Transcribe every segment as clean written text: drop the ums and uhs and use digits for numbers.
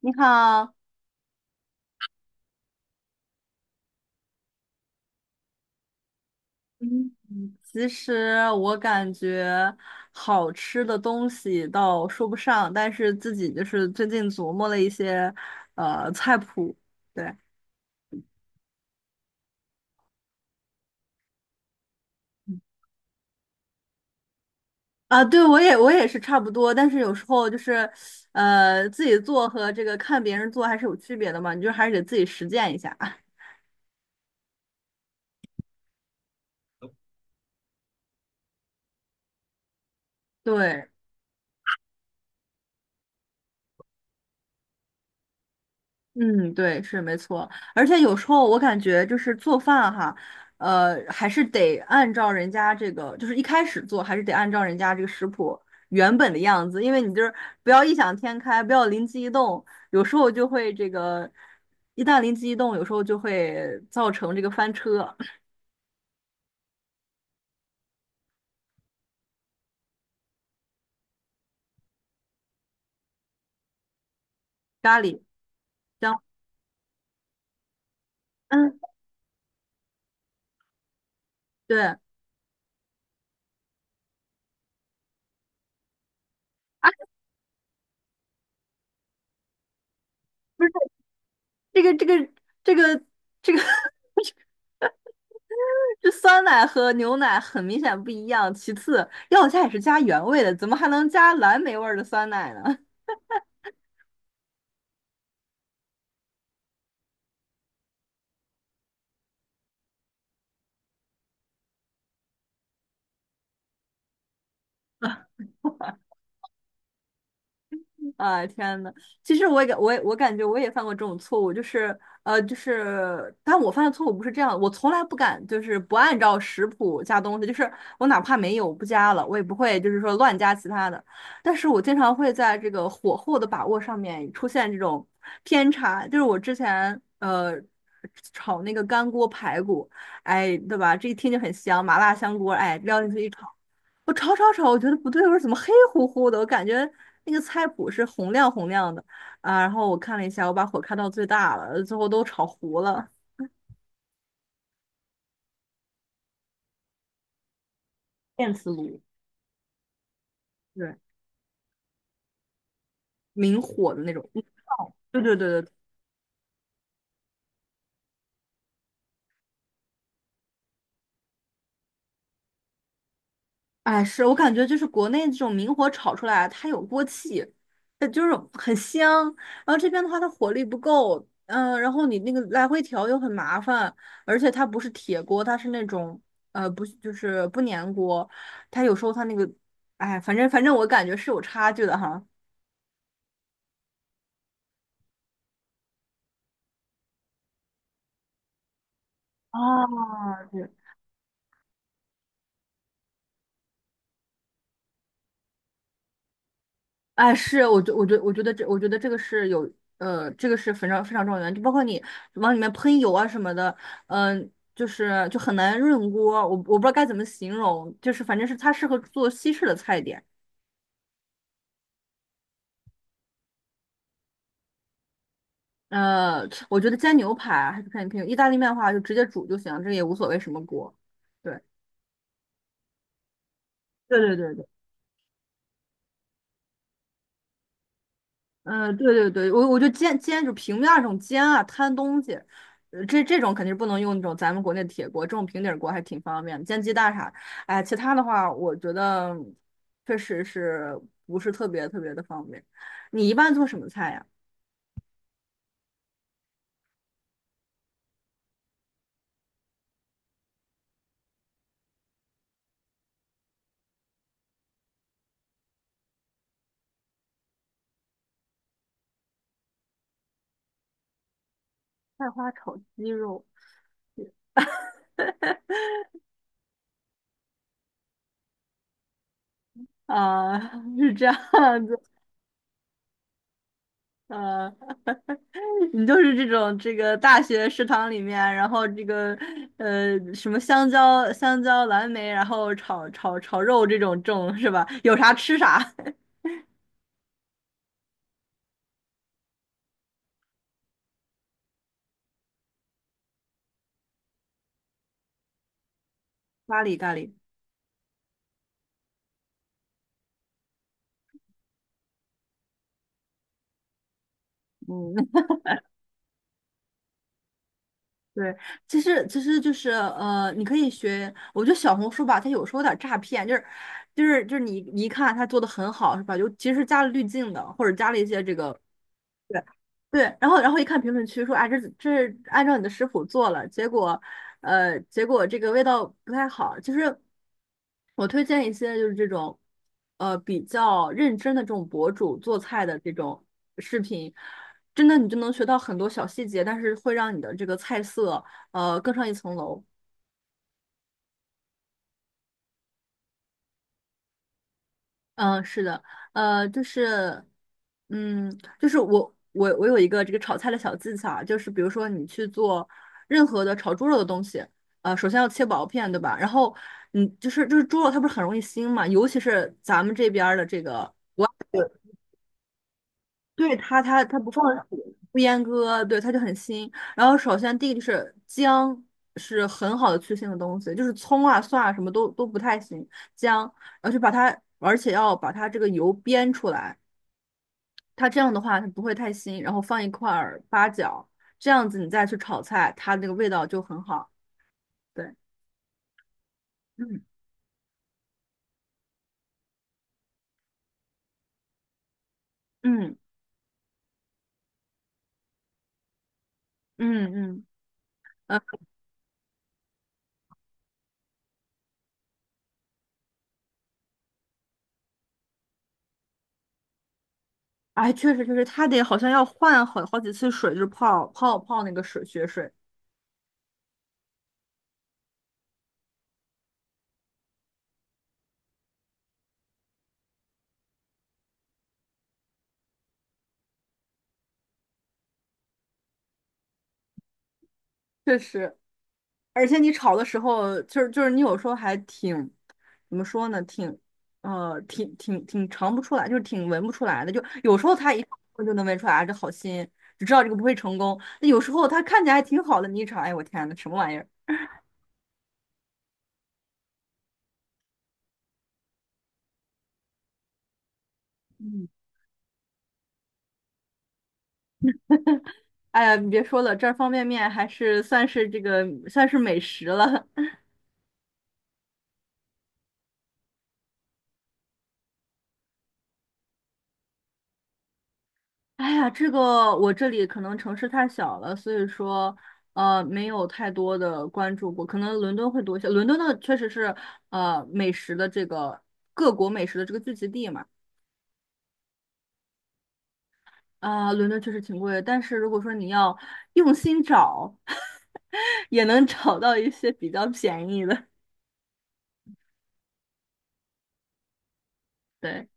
你好。嗯，其实我感觉好吃的东西倒说不上，但是自己就是最近琢磨了一些菜谱，对。对，我也是差不多，但是有时候就是自己做和这个看别人做还是有区别的嘛，你就还是得自己实践一下。对。嗯，对，是没错。而且有时候我感觉就是做饭哈，还是得按照人家这个，就是一开始做还是得按照人家这个食谱原本的样子，因为你就是不要异想天开，不要灵机一动，有时候就会这个，一旦灵机一动，有时候就会造成这个翻车。咖喱。香。嗯，对。啊，不是这个这个这个这个。这酸奶和牛奶很明显不一样。其次，要加也是加原味的，怎么还能加蓝莓味儿的酸奶呢？啊，天呐，其实我也感我也我感觉我也犯过这种错误，就是但我犯的错误不是这样，我从来不敢就是不按照食谱加东西，就是我哪怕没有不加了，我也不会就是说乱加其他的，但是我经常会在这个火候的把握上面出现这种偏差，就是我之前炒那个干锅排骨，哎，对吧？这一听就很香，麻辣香锅，哎，撩进去一炒。我炒，我觉得不对味儿，我说怎么黑乎乎的？我感觉那个菜谱是红亮红亮的啊。然后我看了一下，我把火开到最大了，最后都炒糊了。电磁炉。对，明火的那种。嗯哦，对。哎，是我感觉就是国内这种明火炒出来，它有锅气，就是很香。然后这边的话，它火力不够，然后你那个来回调又很麻烦，而且它不是铁锅，它是那种不是不粘锅，它有时候它那个，哎，反正我感觉是有差距的哈。啊，对。哎，是，我觉得这，我觉得这个是有，这个是非常非常重要的原因，就包括你往里面喷油啊什么的，就是就很难润锅，我不知道该怎么形容，就是反正是它适合做西式的菜点。我觉得煎牛排还是看你品，意大利面的话就直接煮就行，这个也无所谓什么锅。对，对。嗯，对，我就煎，就平面儿这种煎啊，摊东西，这这种肯定是不能用那种咱们国内的铁锅，这种平底儿锅还挺方便的，煎鸡蛋啥，哎，其他的话，我觉得确实是不是特别特别的方便。你一般做什么菜呀？菜花炒鸡肉。啊、是这样子。呃，你就是这种这个大学食堂里面，然后这个什么香蕉、蓝莓，然后炒肉，这种是吧？有啥吃啥。咖喱咖喱。嗯。对，其实其实就是你可以学，我觉得小红书吧，它有时候有点诈骗，就是你一看它做的很好是吧？就其实加了滤镜的，或者加了一些这个对。对，然后然后一看评论区说啊，这是按照你的食谱做了，结果，结果这个味道不太好。其实我推荐一些就是这种，比较认真的这种博主做菜的这种视频，真的你就能学到很多小细节，但是会让你的这个菜色更上一层楼。嗯，是的。呃，就是，就是我有一个这个炒菜的小技巧啊，就是比如说你去做任何的炒猪肉的东西，首先要切薄片，对吧？然后你就是就是猪肉它不是很容易腥嘛，尤其是咱们这边儿的这个，对，它不放，不阉割，对，它就很腥。然后首先第一个就是姜是很好的去腥的东西，就是葱啊蒜啊什么都都不太行，姜。然后就把它，而且要把它这个油煸出来。它这样的话它不会太腥，然后放一块儿八角，这样子你再去炒菜，它那个味道就很好。对。嗯嗯嗯嗯，呃，哎，确实确实，它得好像要换好好几次水，就是泡那个水血水，确实。而且你炒的时候，你有时候还挺怎么说呢，挺尝不出来，就是挺闻不出来的。就有时候它一炒我就能闻出来，啊，这好腥，只知道这个不会成功。那有时候它看起来还挺好的，你一炒，哎，我天呐，什么玩意儿？嗯，哎呀，你别说了，这儿方便面还是算是美食了。哎呀，这个我这里可能城市太小了，所以说没有太多的关注过，可能伦敦会多一些。伦敦呢确实是美食的这个，各国美食的这个聚集地嘛。伦敦确实挺贵，但是如果说你要用心找，也能找到一些比较便宜的。对。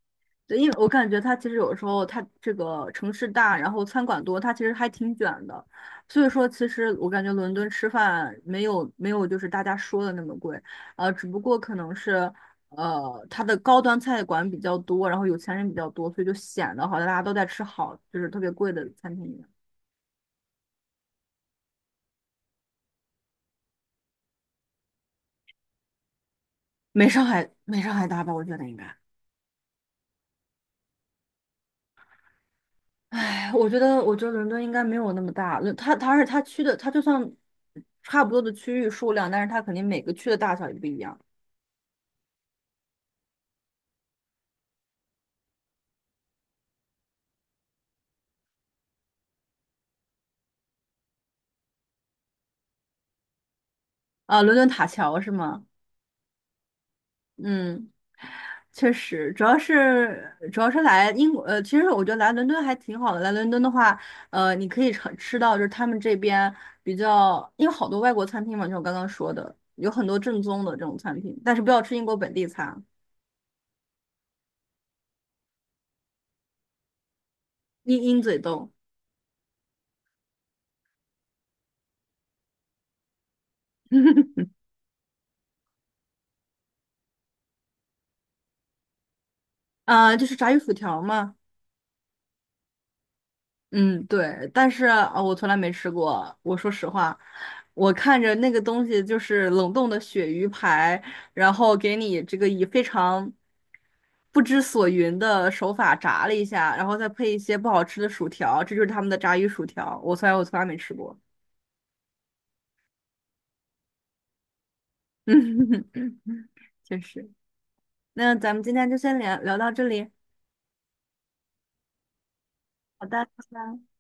对，因为我感觉它其实有时候它这个城市大，然后餐馆多，它其实还挺卷的。所以说，其实我感觉伦敦吃饭没有就是大家说的那么贵，只不过可能是它的高端菜馆比较多，然后有钱人比较多，所以就显得好像大家都在吃好，就是特别贵的餐厅一样。没上海大吧？我觉得应该。哎，我觉得伦敦应该没有那么大。伦，它区的，它就算差不多的区域数量，但是它肯定每个区的大小也不一样。啊，伦敦塔桥是吗？嗯，确实，主要是来英国，其实我觉得来伦敦还挺好的。来伦敦的话，你可以尝吃到就是他们这边比较，因为好多外国餐厅嘛，就像我刚刚说的，有很多正宗的这种餐厅，但是不要吃英国本地餐。鹰嘴豆。啊，就是炸鱼薯条嘛。嗯，对，但是啊，我从来没吃过。我说实话，我看着那个东西就是冷冻的鳕鱼排，然后给你这个以非常不知所云的手法炸了一下，然后再配一些不好吃的薯条，这就是他们的炸鱼薯条。我从来没吃过。嗯，确实。那咱们今天就先聊聊到这里。好的，拜拜。